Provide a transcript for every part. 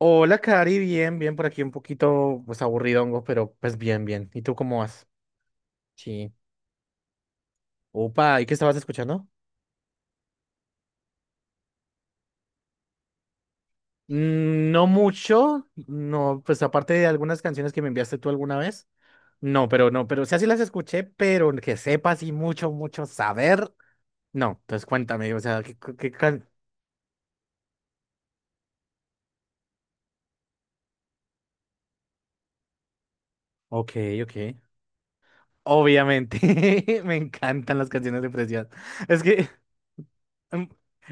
Hola, Cari, bien, bien, por aquí un poquito, pues aburridongo, pero pues bien, bien. ¿Y tú cómo vas? Sí. Opa, ¿y qué estabas escuchando? Mm, no mucho, no, pues aparte de algunas canciones que me enviaste tú alguna vez. No, pero no, pero o sea, sí las escuché, pero que sepa así mucho, mucho saber. No, entonces cuéntame, o sea, ¿qué can... Ok, ok. Obviamente, me encantan las canciones de Precious. Es que, mm,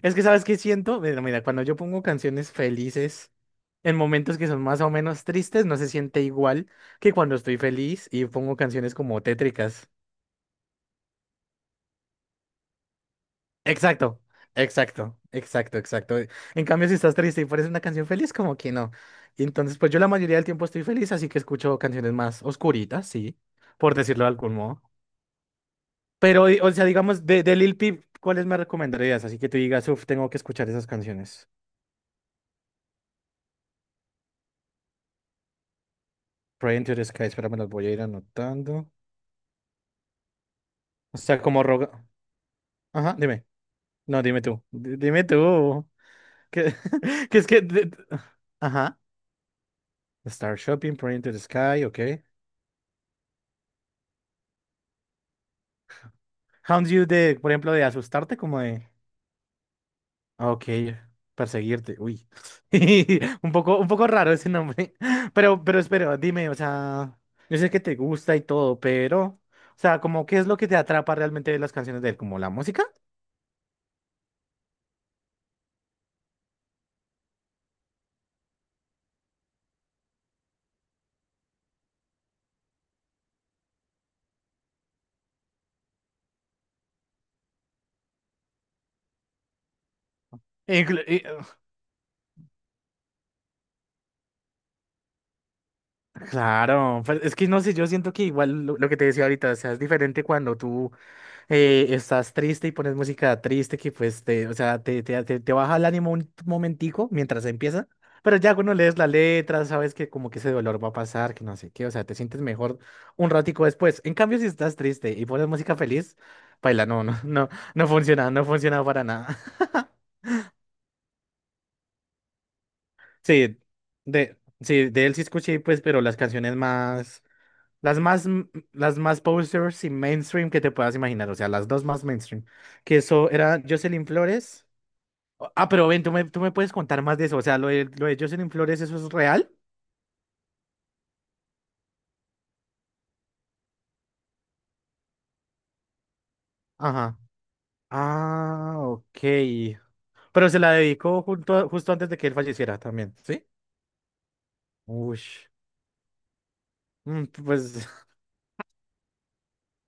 es que, ¿sabes qué siento? Mira, mira, cuando yo pongo canciones felices en momentos que son más o menos tristes, no se siente igual que cuando estoy feliz y pongo canciones como tétricas. Exacto, exacto, exacto, exacto. En cambio, si estás triste y pones una canción feliz, como que no. Y entonces, pues yo la mayoría del tiempo estoy feliz, así que escucho canciones más oscuritas, sí, por decirlo de algún modo. Pero, o sea, digamos, de Lil Peep, ¿cuáles me recomendarías? Así que tú digas, uff, tengo que escuchar esas canciones. Pray into the Sky, espera, me las voy a ir anotando. O sea, como roga. Ajá, dime. No, dime tú. Dime tú. Que, que es que. Ajá. Star Shopping, Pray into the Sky, ok. Hounds You de, por ejemplo, de asustarte, como de. Ah, ok, perseguirte. Uy. Un poco raro ese nombre. Pero espera, dime, o sea, yo sé que te gusta y todo, pero. O sea, como, ¿qué es lo que te atrapa realmente de las canciones de él? ¿Como la música? Inclu- y- Claro, pues, es que no sé, yo siento que igual lo que te decía ahorita, o sea, es diferente cuando tú estás triste y pones música triste, que pues te, o sea, te baja el ánimo un momentico mientras empieza, pero ya cuando lees la letra sabes que como que ese dolor va a pasar, que no sé qué, o sea, te sientes mejor un ratico después. En cambio, si estás triste y pones música feliz, baila, no, no, no, no funciona, no funciona para nada. Sí, de, sí, de él sí escuché, pues, pero las canciones más, las más, m- las más posters y mainstream que te puedas imaginar, o sea, las dos más mainstream, que eso era Jocelyn Flores. Ah, pero ven, tú me puedes contar más de eso. O sea, lo de Jocelyn Flores, ¿eso es real? Ajá. Ah, ok. Pero se la dedicó junto, justo antes de que él falleciera también, ¿sí? Ush. Mm, pues,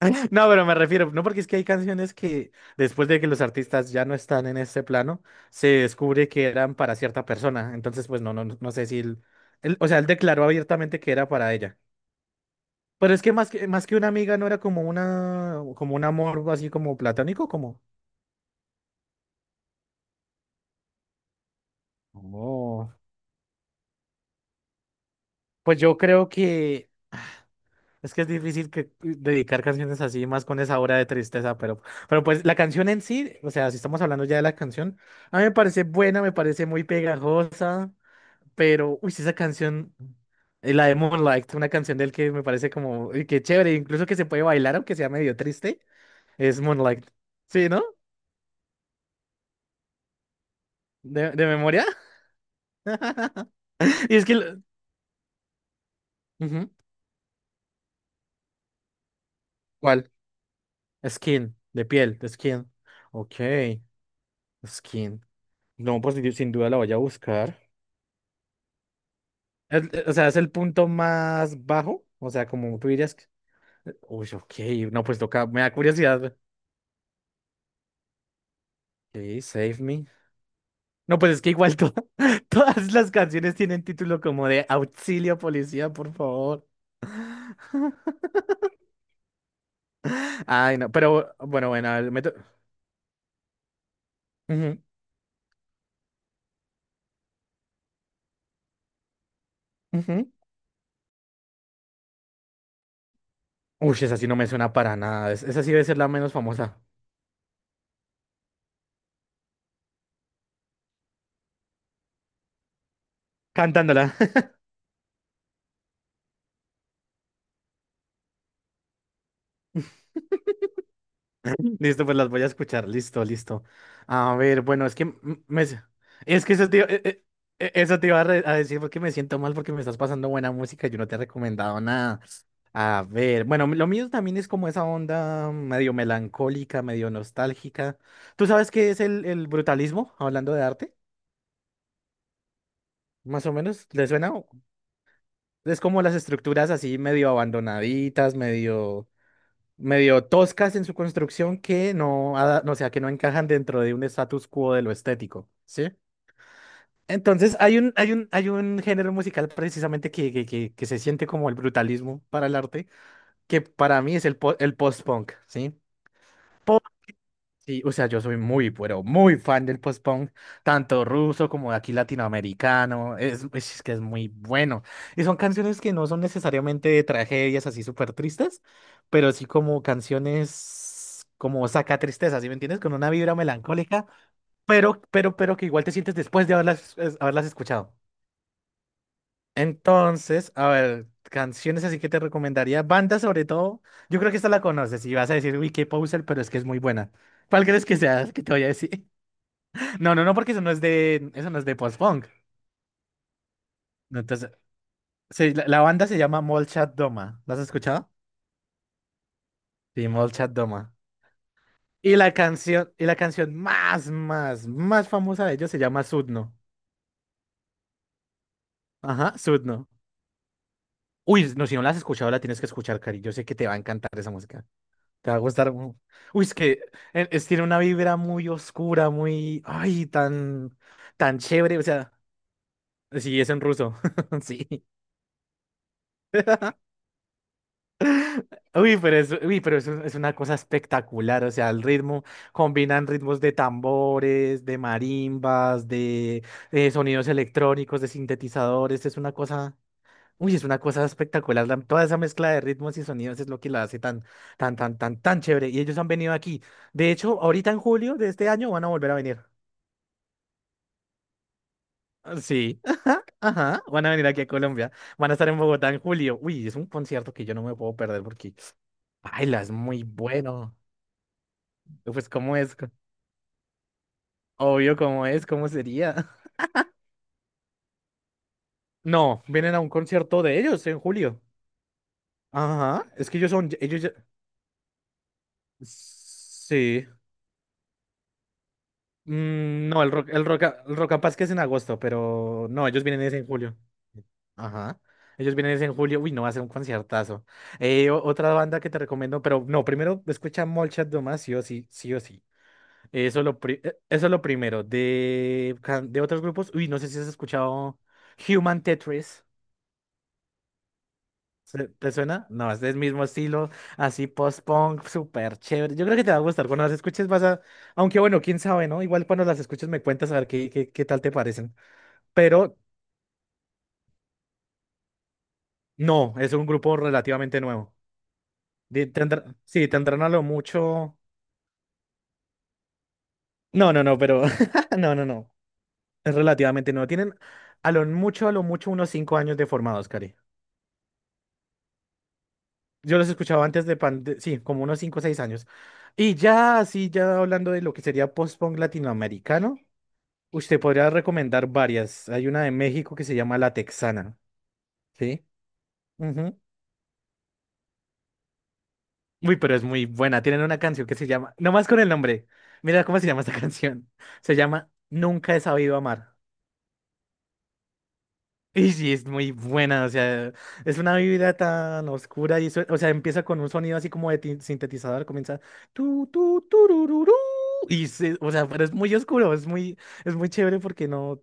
no, pero me refiero, no, porque es que hay canciones que después de que los artistas ya no están en este plano, se descubre que eran para cierta persona. Entonces, pues no, no, no sé si él, o sea, él declaró abiertamente que era para ella. Pero es que más que, más que una amiga no era como una, como un amor así como platónico, como... Oh, pues yo creo que es difícil que dedicar canciones así más con esa hora de tristeza, pero pues la canción en sí, o sea, si estamos hablando ya de la canción, a mí me parece buena, me parece muy pegajosa, pero uy, sí, esa canción, la de Moonlight, una canción del que me parece como uy, que chévere, incluso que se puede bailar aunque sea medio triste, es Moonlight. ¿Sí, no? ¿De memoria? Y es que lo- Ujú. ¿Cuál? Skin, de piel, de skin. Ok, skin. No, pues yo sin duda la voy a buscar. O sea, es el punto más bajo. O sea, como tú dirías que... Uy, ok. No, pues toca. Me da curiosidad. Ok, Save Me. No, pues es que todas las canciones tienen título como de auxilio, policía, por favor. Ay, no. Pero bueno, bueno. a ver, me to- Ujú, ujú. Uy, esa sí no me suena para nada. Esa sí debe ser la menos famosa. Cantándola. Listo, pues las voy a escuchar. Listo, listo. A ver, bueno, es que es que eso te iba a, a decir porque me siento mal porque me estás pasando buena música y yo no te he recomendado nada. A ver, bueno, lo mío también es como esa onda medio melancólica, medio nostálgica. ¿Tú sabes qué es el brutalismo, hablando de arte? Más o menos, ¿le suena? Es como las estructuras así medio abandonaditas, medio... medio toscas en su construcción que no, no, o sea, que no encajan dentro de un status quo de lo estético, ¿sí? Entonces, hay un género musical precisamente que, que se siente como el brutalismo para el arte, que para mí es el post-punk, ¿sí? Sí, o sea, yo soy muy, pero muy fan del post-punk, tanto ruso como de aquí latinoamericano, es que es muy bueno. Y son canciones que no son necesariamente de tragedias así súper tristes, pero sí como canciones como saca tristeza, ¿sí me entiendes? Con una vibra melancólica, pero que igual te sientes después de haberlas escuchado. Entonces, a ver, canciones así que te recomendaría, bandas sobre todo, yo creo que esta la conoces y vas a decir, uy, qué poser, pero es que es muy buena. ¿Cuál crees que sea que te voy a decir? No, no, no, porque eso no es de, eso no es de post-punk. No, entonces, la banda se llama Molchat Doma. ¿La has escuchado? Sí, Molchat Doma. Y la canción más famosa de ellos se llama Sudno. Ajá, Sudno. Uy, no, si no la has escuchado, la tienes que escuchar, Cari. Yo sé que te va a encantar esa música. Te va a gustar. Uy, es que tiene una vibra muy oscura, muy, ay, tan, tan chévere. O sea, sí, es en ruso. Sí. Uy, pero es, es una cosa espectacular, o sea, el ritmo, combinan ritmos de tambores, de marimbas, de, sonidos electrónicos, de sintetizadores, es una cosa, uy, es una cosa espectacular, toda esa mezcla de ritmos y sonidos es lo que la hace tan, tan chévere, y ellos han venido aquí, de hecho, ahorita en julio de este año van a volver a venir. Ah, sí, ajá, van a venir aquí a Colombia, van a estar en Bogotá en julio, uy, es un concierto que yo no me puedo perder porque... Baila, es muy bueno. Pues, ¿cómo es? Obvio, ¿cómo es? ¿Cómo sería? No, vienen a un concierto de ellos en julio. Ajá, es que ellos son, ellos ya... Sí. Mm, no, el Rock am Paz que es en agosto, pero no, ellos vienen es en julio. Ajá. Ellos vienen es en julio. Uy, no, va a ser un conciertazo. Otra banda que te recomiendo, pero no, primero escucha Molchat Domás, sí o sí, sí o sí. Eso es lo primero. De, de otros grupos, uy, no sé si has escuchado Human Tetris. ¿Te suena? No, es del mismo estilo, así post-punk, súper chévere. Yo creo que te va a gustar. Cuando las escuches vas a... Aunque bueno, quién sabe, ¿no? Igual cuando las escuches me cuentas a ver qué tal te parecen. Pero no, es un grupo relativamente nuevo. Sí, tendrán a lo mucho... No, no, no, pero... No, no, no. Es relativamente nuevo. Tienen a lo mucho unos 5 años de formados, Cari. Yo los escuchaba antes de sí, como unos 5 o 6 años. Y ya, así, ya hablando de lo que sería post-punk latinoamericano. Usted podría recomendar varias. Hay una de México que se llama La Texana, ¿sí? Ujú. Uy, pero es muy buena. Tienen una canción que se llama, nomás con el nombre, mira cómo se llama esta canción. Se llama Nunca he sabido amar. Y sí, es muy buena, o sea, es una vida tan oscura y eso, o sea, empieza con un sonido así como de sintetizador, comienza tu tu turururú, y o sea, pero es muy oscuro, es muy chévere porque no.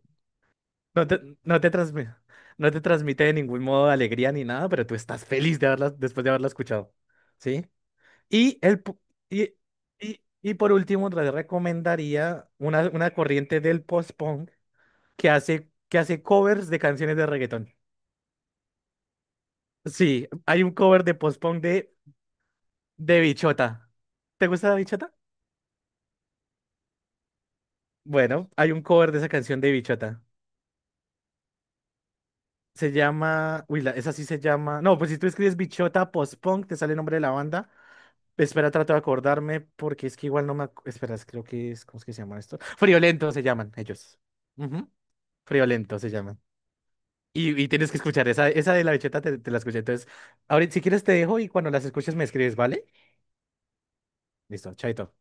No te, no te transmite de ningún modo alegría ni nada, pero tú estás feliz de haberla, después de haberla escuchado. ¿Sí? Y, el, pu- y, y por último, te recomendaría una corriente del post-punk que hace covers de canciones de reggaetón. Sí, hay un cover de post-punk de Bichota. ¿Te gusta Bichota? Bueno, hay un cover de esa canción de Bichota. Se llama. Uy, esa sí se llama. No, pues si tú escribes Bichota Post-Punk, te sale el nombre de la banda. Espera, trato de acordarme porque es que igual no me... espera, creo que es... ¿Cómo es que se llama esto? Friolentos se llaman ellos. Ujú, Friolentos se llaman. Y tienes que escuchar esa, esa de la bicheta, te la escuché. Entonces, ahorita si quieres te dejo y cuando las escuches me escribes, ¿vale? Listo, chaito.